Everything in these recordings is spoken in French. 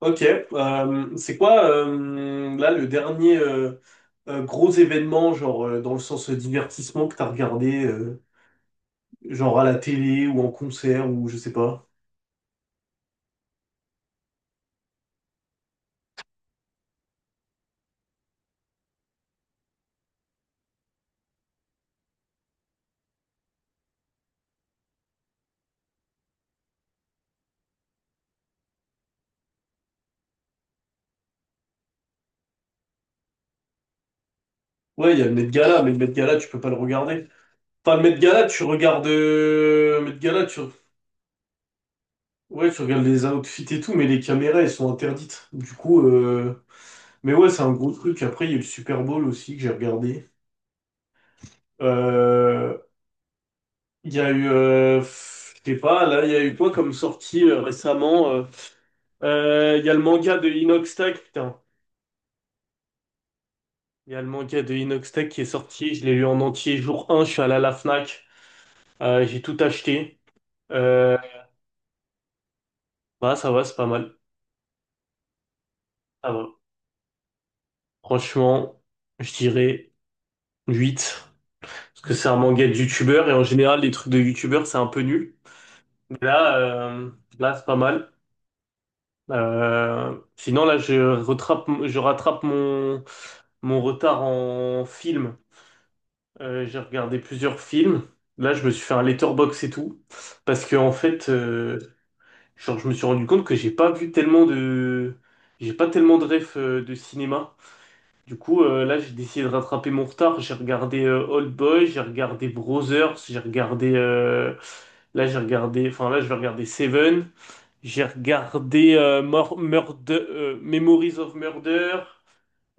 Ok, c'est quoi là le dernier gros événement, genre dans le sens divertissement que t'as regardé, genre à la télé ou en concert ou je sais pas. Ouais, il y a le Met Gala, mais le Met Gala tu peux pas le regarder. Enfin le Met Gala tu regardes, Met Gala tu, ouais tu regardes les outfits et tout, mais les caméras elles sont interdites. Du coup, mais ouais c'est un gros truc. Après il y a eu le Super Bowl aussi que j'ai regardé. Euh, Il y a eu, je sais pas, là, il y a eu quoi comme sortie récemment? Il y a le manga de Inoxtag, putain. Il y a le manga de Inoxtag qui est sorti, je l'ai lu en entier jour un, je suis allé à la Fnac, j'ai tout acheté. Euh, Bah ça va, c'est pas mal. Ça va. Franchement, je dirais 8. Parce que c'est un manga de youtubeur et en général les trucs de youtubeur c'est un peu nul. Mais là, là c'est pas mal. Sinon, là, je rattrape mon retard en film. J'ai regardé plusieurs films. Là, je me suis fait un letterbox et tout. Parce que, en fait, genre, je me suis rendu compte que j'ai pas vu tellement de. J'ai pas tellement de refs de cinéma. Du coup, là, j'ai décidé de rattraper mon retard. J'ai regardé Old Boy, j'ai regardé Brothers, j'ai regardé. Là, j'ai regardé. Enfin, là, je vais regarder Seven. J'ai regardé Memories of Murder.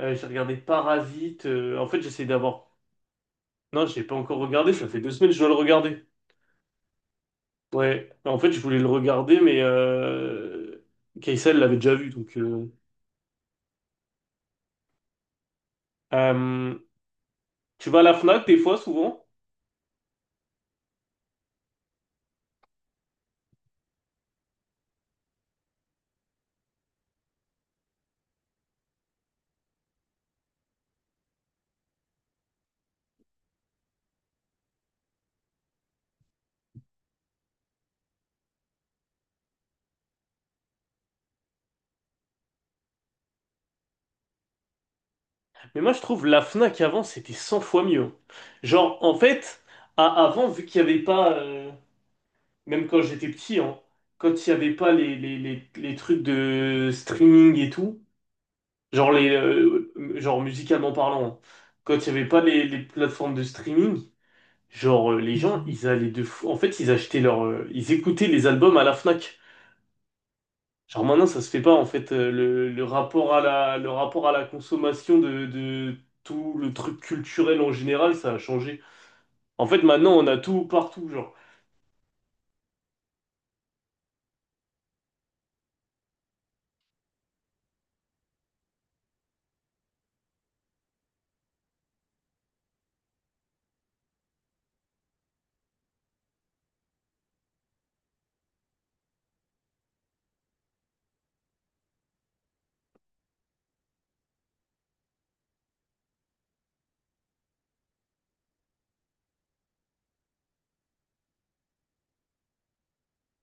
J'ai regardé Parasite. En fait, j'essaie d'avoir. Non, j'ai pas encore regardé. Ça fait 2 semaines que je dois le regarder. Ouais. En fait, je voulais le regarder, mais Kaysa l'avait déjà vu. Donc, euh, tu vas à la Fnac des fois, souvent. Mais moi, je trouve la Fnac avant, c'était 100 fois mieux, hein. Genre, en fait, avant, vu qu'il n'y avait pas, même quand j'étais petit, hein, quand il n'y avait pas les trucs de streaming et tout. Genre, genre musicalement parlant, hein. Quand il n'y avait pas les plateformes de streaming, genre les gens, ils allaient de fou. En fait, ils achetaient ils écoutaient les albums à la Fnac. Genre maintenant, ça se fait pas en fait. Le rapport à la, le rapport à la consommation de tout le truc culturel en général, ça a changé. En fait, maintenant, on a tout partout, genre.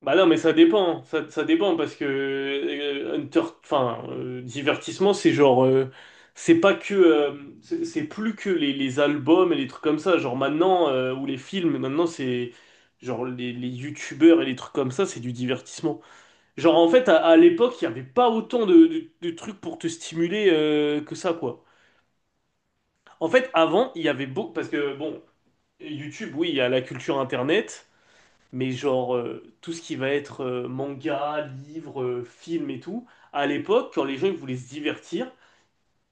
Bah non, mais ça dépend, ça dépend parce que Hunter, enfin, divertissement, c'est genre, c'est pas que, c'est plus que les albums et les trucs comme ça, genre maintenant, ou les films, maintenant c'est, genre les youtubeurs et les trucs comme ça, c'est du divertissement. Genre en fait, à l'époque, il y avait pas autant de trucs pour te stimuler que ça, quoi. En fait, avant, il y avait beaucoup, parce que bon, YouTube, oui, il y a la culture Internet, mais genre tout ce qui va être manga, livre, film et tout, à l'époque, quand les gens ils voulaient se divertir,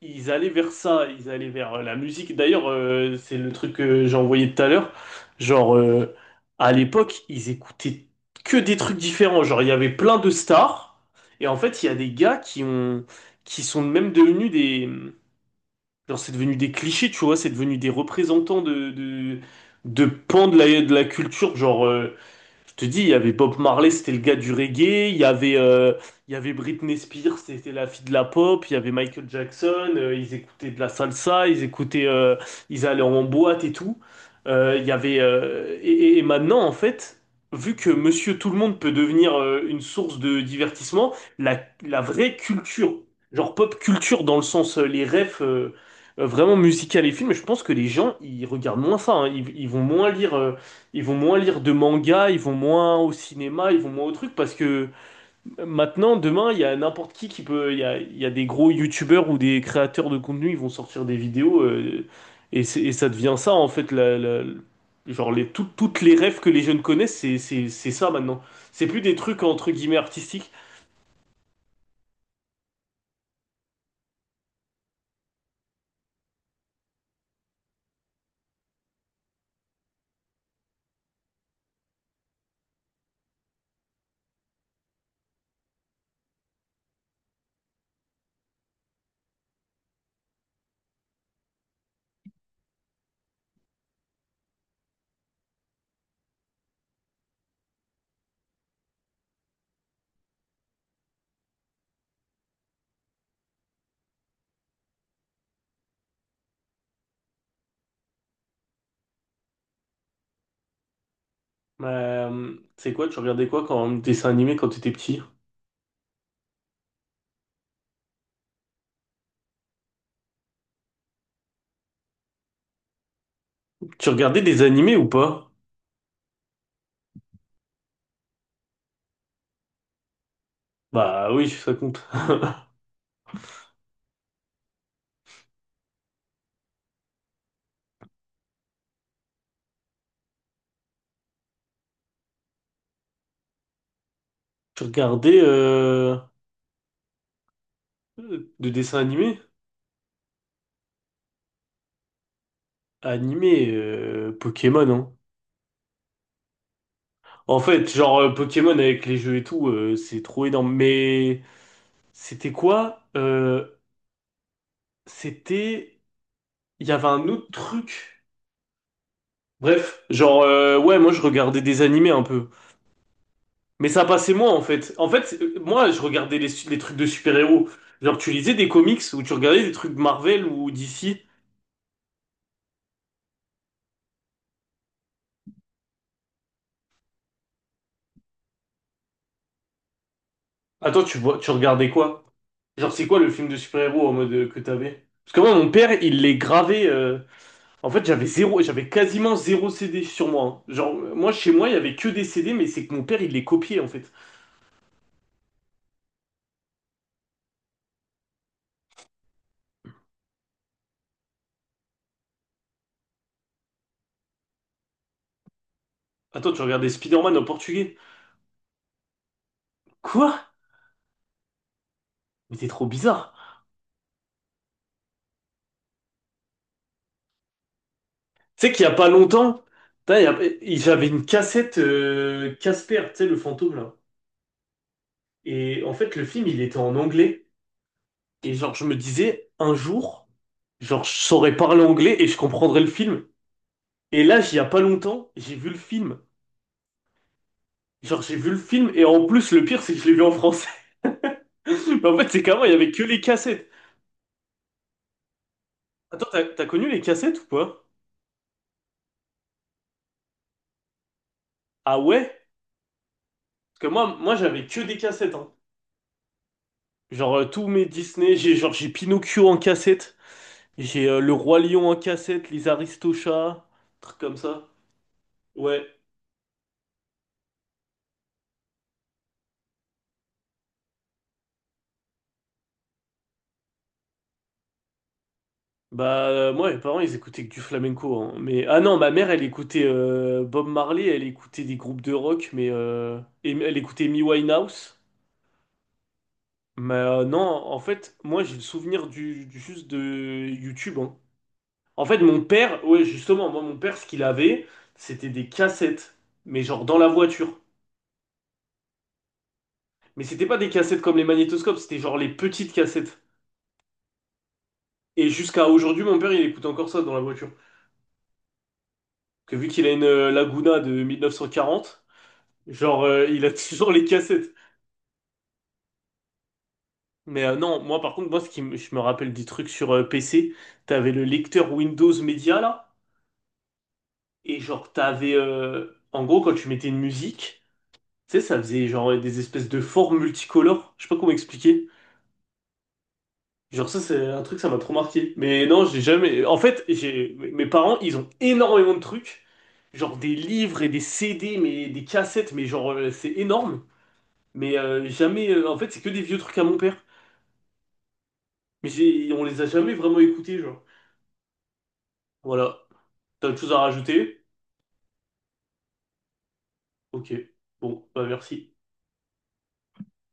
ils allaient vers ça, ils allaient vers la musique. D'ailleurs, c'est le truc que j'ai envoyé tout à l'heure. Genre, à l'époque, ils écoutaient que des trucs différents. Genre, il y avait plein de stars, et en fait, il y a des gars qui ont, qui sont même devenus des. Genre, c'est devenu des clichés, tu vois, c'est devenu des représentants de pans de la culture. Genre, je te dis, il y avait Bob Marley, c'était le gars du reggae. Il y avait, Britney Spears, c'était la fille de la pop. Il y avait Michael Jackson, ils écoutaient de la salsa, ils écoutaient, ils allaient en boîte et tout. Il y avait, et- Et maintenant, en fait, vu que Monsieur Tout le Monde peut devenir une source de divertissement, la, la vraie culture, genre pop culture dans le sens les refs. Vraiment musical et films, je pense que les gens, ils regardent moins ça, hein. Ils vont moins lire. Ils vont moins lire de manga, ils vont moins au cinéma, ils vont moins au truc parce que maintenant, demain, il y a n'importe qui peut, il y a des gros youtubeurs ou des créateurs de contenu, ils vont sortir des vidéos et ça devient ça en fait, genre les, toutes les rêves que les jeunes connaissent, c'est ça maintenant. C'est plus des trucs entre guillemets artistiques. Tu regardais quoi quand dessin animé quand t'étais petit? Tu regardais des animés ou pas? Bah oui, ça compte. Tu regardais de dessins animés? Animé, Pokémon, hein. En fait, genre Pokémon avec les jeux et tout, c'est trop énorme. Mais c'était quoi? C'était... Il y avait un autre truc. Bref, ouais, moi je regardais des animés un peu. Mais ça passait moins en fait. En fait, moi je regardais les trucs de super-héros. Genre, tu lisais des comics ou tu regardais des trucs Marvel ou DC. Attends, tu vois, tu regardais quoi? Genre, c'est quoi le film de super-héros en mode que t'avais? Parce que moi, mon père, il les gravait. En fait, j'avais zéro, j'avais quasiment zéro CD sur moi, hein. Genre, moi, chez moi, il y avait que des CD, mais c'est que mon père, il les copiait, en fait. Attends, tu regardais Spider-Man en portugais. Quoi? Mais t'es trop bizarre. Tu sais qu'il y a pas longtemps, putain, il y a- il- j'avais une cassette Casper, tu sais, le fantôme, là. Et en fait, le film, il était en anglais. Et genre, je me disais, un jour, genre, je saurais parler anglais et je comprendrais le film. Et là, il y a pas longtemps, j'ai vu le film. Genre, j'ai vu le film, et en plus, le pire, c'est que je l'ai vu en français. Mais en fait, c'est qu'avant, il y avait que les cassettes. Attends, t'as connu les cassettes ou pas? Ah ouais? Parce que moi j'avais que des cassettes, hein. Genre, tous mes Disney, j'ai Pinocchio en cassette, j'ai Le Roi Lion en cassette, les Aristochats, trucs comme ça. Ouais. Bah, moi, mes parents, ils écoutaient que du flamenco, hein. Mais, ah non, ma mère, elle écoutait Bob Marley, elle écoutait des groupes de rock, mais elle écoutait Amy Winehouse. Mais non, en fait, moi, j'ai le souvenir juste de YouTube, hein. En fait, mon père, ouais, justement, moi, mon père, ce qu'il avait, c'était des cassettes, mais genre dans la voiture. Mais c'était pas des cassettes comme les magnétoscopes, c'était genre les petites cassettes. Et jusqu'à aujourd'hui, mon père, il écoute encore ça dans la voiture. Que vu qu'il a une Laguna de 1940, genre, il a toujours les cassettes. Mais non, moi, par contre, moi, je me rappelle des trucs sur PC, t'avais le lecteur Windows Media, là, et genre, t'avais, en gros, quand tu mettais une musique, tu sais, ça faisait genre des espèces de formes multicolores, je sais pas comment expliquer. Genre ça, c'est un truc, ça m'a trop marqué. Mais non, j'ai jamais... En fait, j'ai... mes parents, ils ont énormément de trucs. Genre des livres et des CD, mais des cassettes, mais genre, c'est énorme. Mais jamais... En fait, c'est que des vieux trucs à mon père. Mais j'ai... on les a jamais vraiment écoutés, genre. Voilà. T'as autre chose à rajouter? Ok. Bon, bah merci.